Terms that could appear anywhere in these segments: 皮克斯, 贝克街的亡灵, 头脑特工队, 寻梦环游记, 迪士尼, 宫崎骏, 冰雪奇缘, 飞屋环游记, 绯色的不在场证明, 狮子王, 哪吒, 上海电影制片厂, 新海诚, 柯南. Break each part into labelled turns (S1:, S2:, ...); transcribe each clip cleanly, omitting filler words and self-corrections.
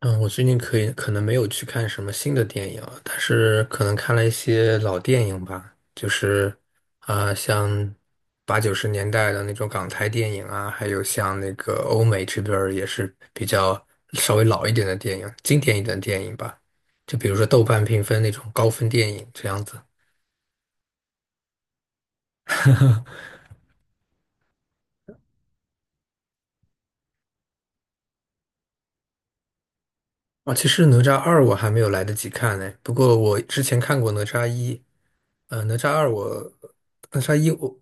S1: 嗯，我最近可能没有去看什么新的电影啊，但是可能看了一些老电影吧，就是像八九十年代的那种港台电影啊，还有像那个欧美这边儿也是比较稍微老一点的电影，经典一点的电影吧，就比如说豆瓣评分那种高分电影这样子。其实哪吒二我还没有来得及看呢，不过我之前看过哪吒一。呃，哪吒二我，哪吒一我，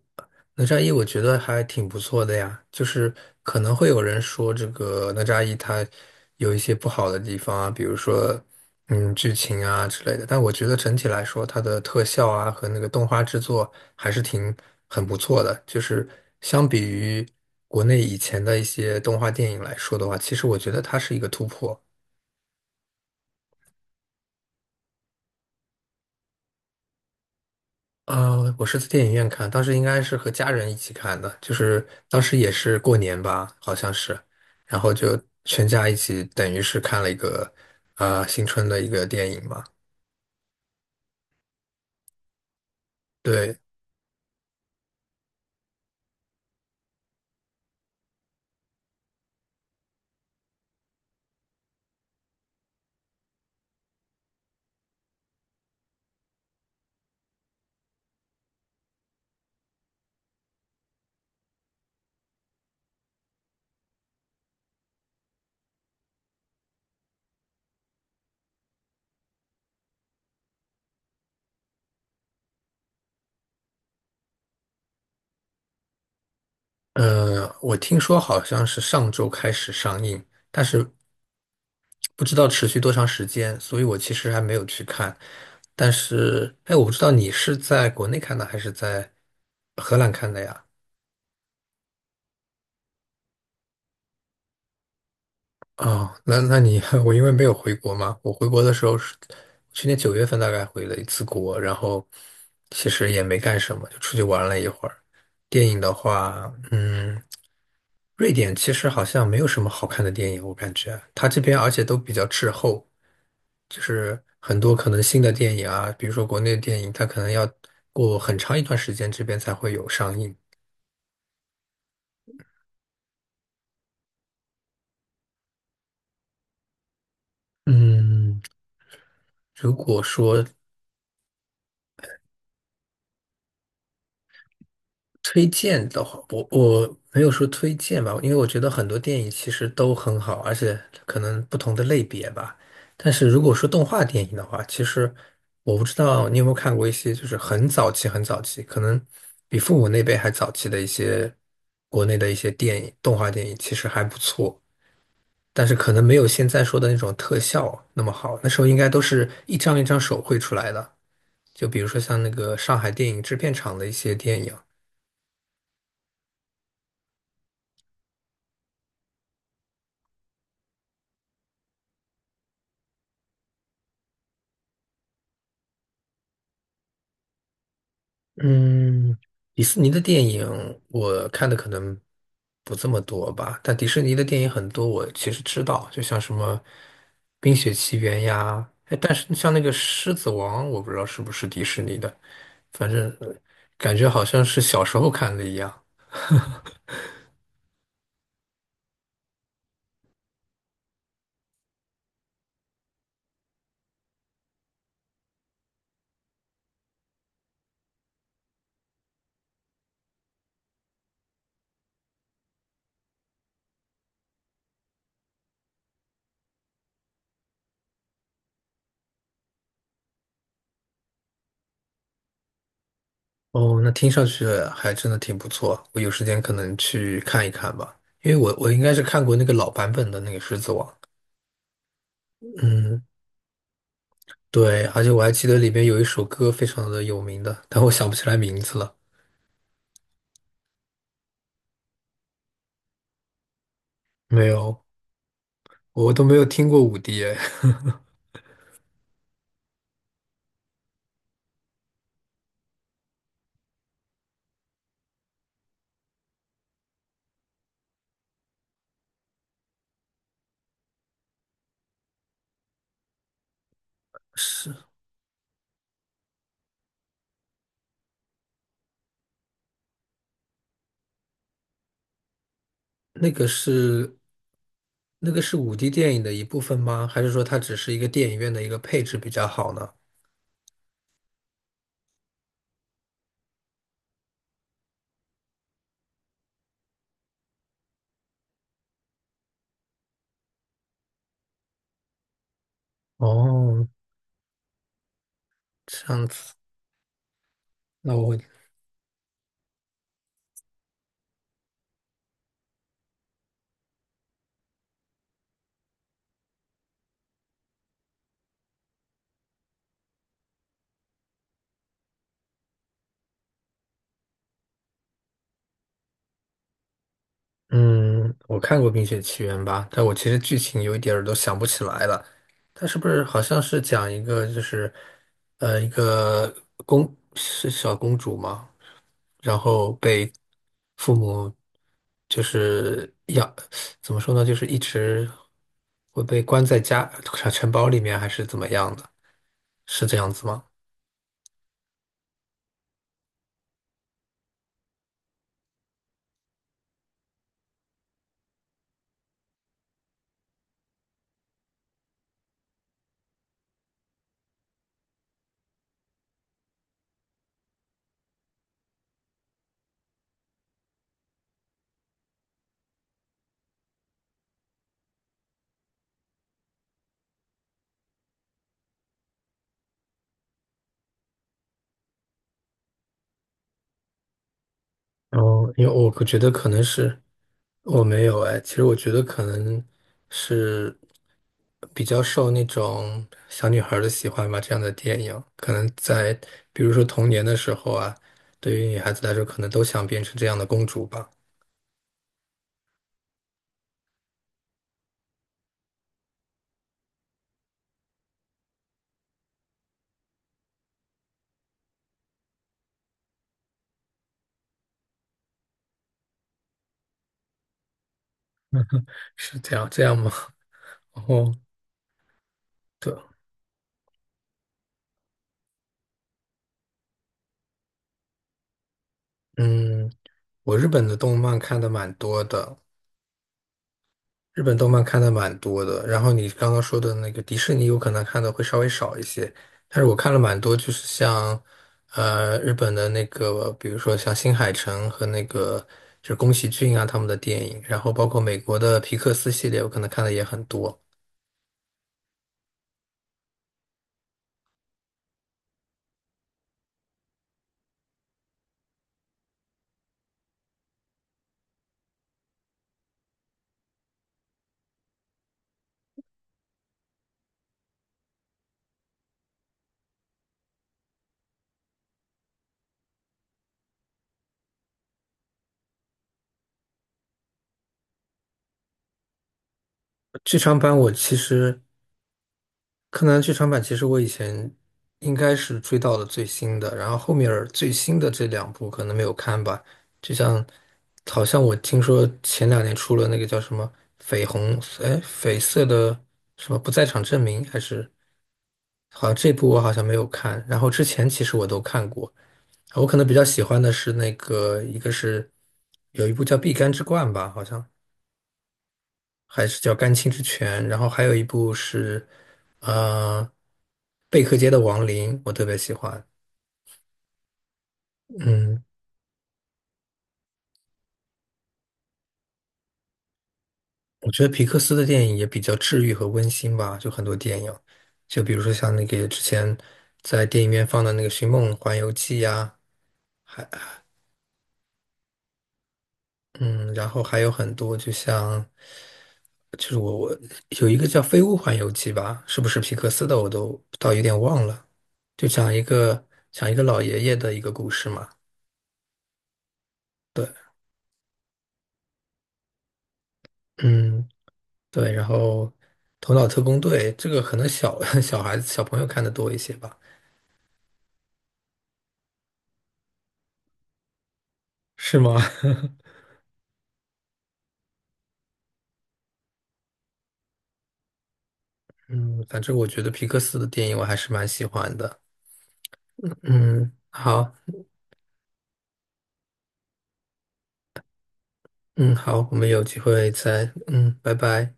S1: 哪吒一我觉得还挺不错的呀。就是可能会有人说这个哪吒一它有一些不好的地方啊，比如说剧情啊之类的。但我觉得整体来说，它的特效啊和那个动画制作还是很不错的。就是相比于国内以前的一些动画电影来说的话，其实我觉得它是一个突破。我是在电影院看，当时应该是和家人一起看的，就是当时也是过年吧，好像是，然后就全家一起，等于是看了一个新春的一个电影嘛。对，我听说好像是上周开始上映，但是不知道持续多长时间，所以我其实还没有去看。但是，哎，我不知道你是在国内看的还是在荷兰看的呀？哦，那你 我因为没有回国嘛，我回国的时候是去年九月份大概回了一次国，然后其实也没干什么，就出去玩了一会儿。电影的话，瑞典其实好像没有什么好看的电影，我感觉它这边而且都比较滞后，就是很多可能新的电影啊，比如说国内的电影，它可能要过很长一段时间这边才会有上映。嗯，如果说推荐的话，我没有说推荐吧，因为我觉得很多电影其实都很好，而且可能不同的类别吧。但是如果说动画电影的话，其实我不知道你有没有看过一些就是很早期、很早期，可能比父母那辈还早期的一些国内的一些电影、动画电影，其实还不错。但是可能没有现在说的那种特效那么好，那时候应该都是一张一张手绘出来的。就比如说像那个上海电影制片厂的一些电影。嗯，迪士尼的电影我看的可能不这么多吧，但迪士尼的电影很多，我其实知道，就像什么《冰雪奇缘》呀，哎，但是像那个《狮子王》，我不知道是不是迪士尼的，反正感觉好像是小时候看的一样。哦，那听上去还真的挺不错，我有时间可能去看一看吧，因为我应该是看过那个老版本的那个《狮子王》，嗯。对，而且我还记得里面有一首歌非常的有名的，但我想不起来名字了。没有，我都没有听过五 D 哎，是那个是是五 D 电影的一部分吗？还是说它只是一个电影院的一个配置比较好呢？哦，这样子，那我嗯，我看过《冰雪奇缘》吧，但我其实剧情有一点儿都想不起来了。它是不是好像是讲一个就是，一个小公主嘛，然后被父母就是养，怎么说呢，就是一直会被关在城堡里面，还是怎么样的？是这样子吗？然后，因为我觉得可能是。我没有哎，其实我觉得可能是比较受那种小女孩儿的喜欢吧，这样的电影，可能在比如说童年的时候啊，对于女孩子来说，可能都想变成这样的公主吧，是这样吗？然后对，嗯，我日本的动漫看的蛮多的，日本动漫看的蛮多的，然后你刚刚说的那个迪士尼，有可能看的会稍微少一些，但是我看了蛮多，就是像，日本的那个，比如说像新海诚和那个就是宫崎骏啊他们的电影，然后包括美国的皮克斯系列，我可能看的也很多。剧场版我其实柯南剧场版其实我以前应该是追到了最新的，然后后面儿最新的这两部可能没有看吧。就像，好像我听说前两年出了那个叫什么绯红，哎，绯色的什么不在场证明，好像这部我好像没有看。然后之前其实我都看过，我可能比较喜欢的是那个，一个是有一部叫《碧干之冠》吧，好像还是叫《甘青之泉》，然后还有一部是，呃，《贝克街的亡灵》，我特别喜欢。嗯，我觉得皮克斯的电影也比较治愈和温馨吧，就很多电影，就比如说像那个之前在电影院放的那个《寻梦环游记》呀，还嗯，然后还有很多，就像就是我我有一个叫《飞屋环游记》吧，是不是皮克斯的，我都倒有点忘了，就讲一个老爷爷的一个故事嘛，对。嗯，对，然后《头脑特工队》这个可能小 小孩子、小朋友看的多一些吧？是吗？嗯，反正我觉得皮克斯的电影我还是蛮喜欢的。嗯，好，嗯，好，我们有机会再，拜拜。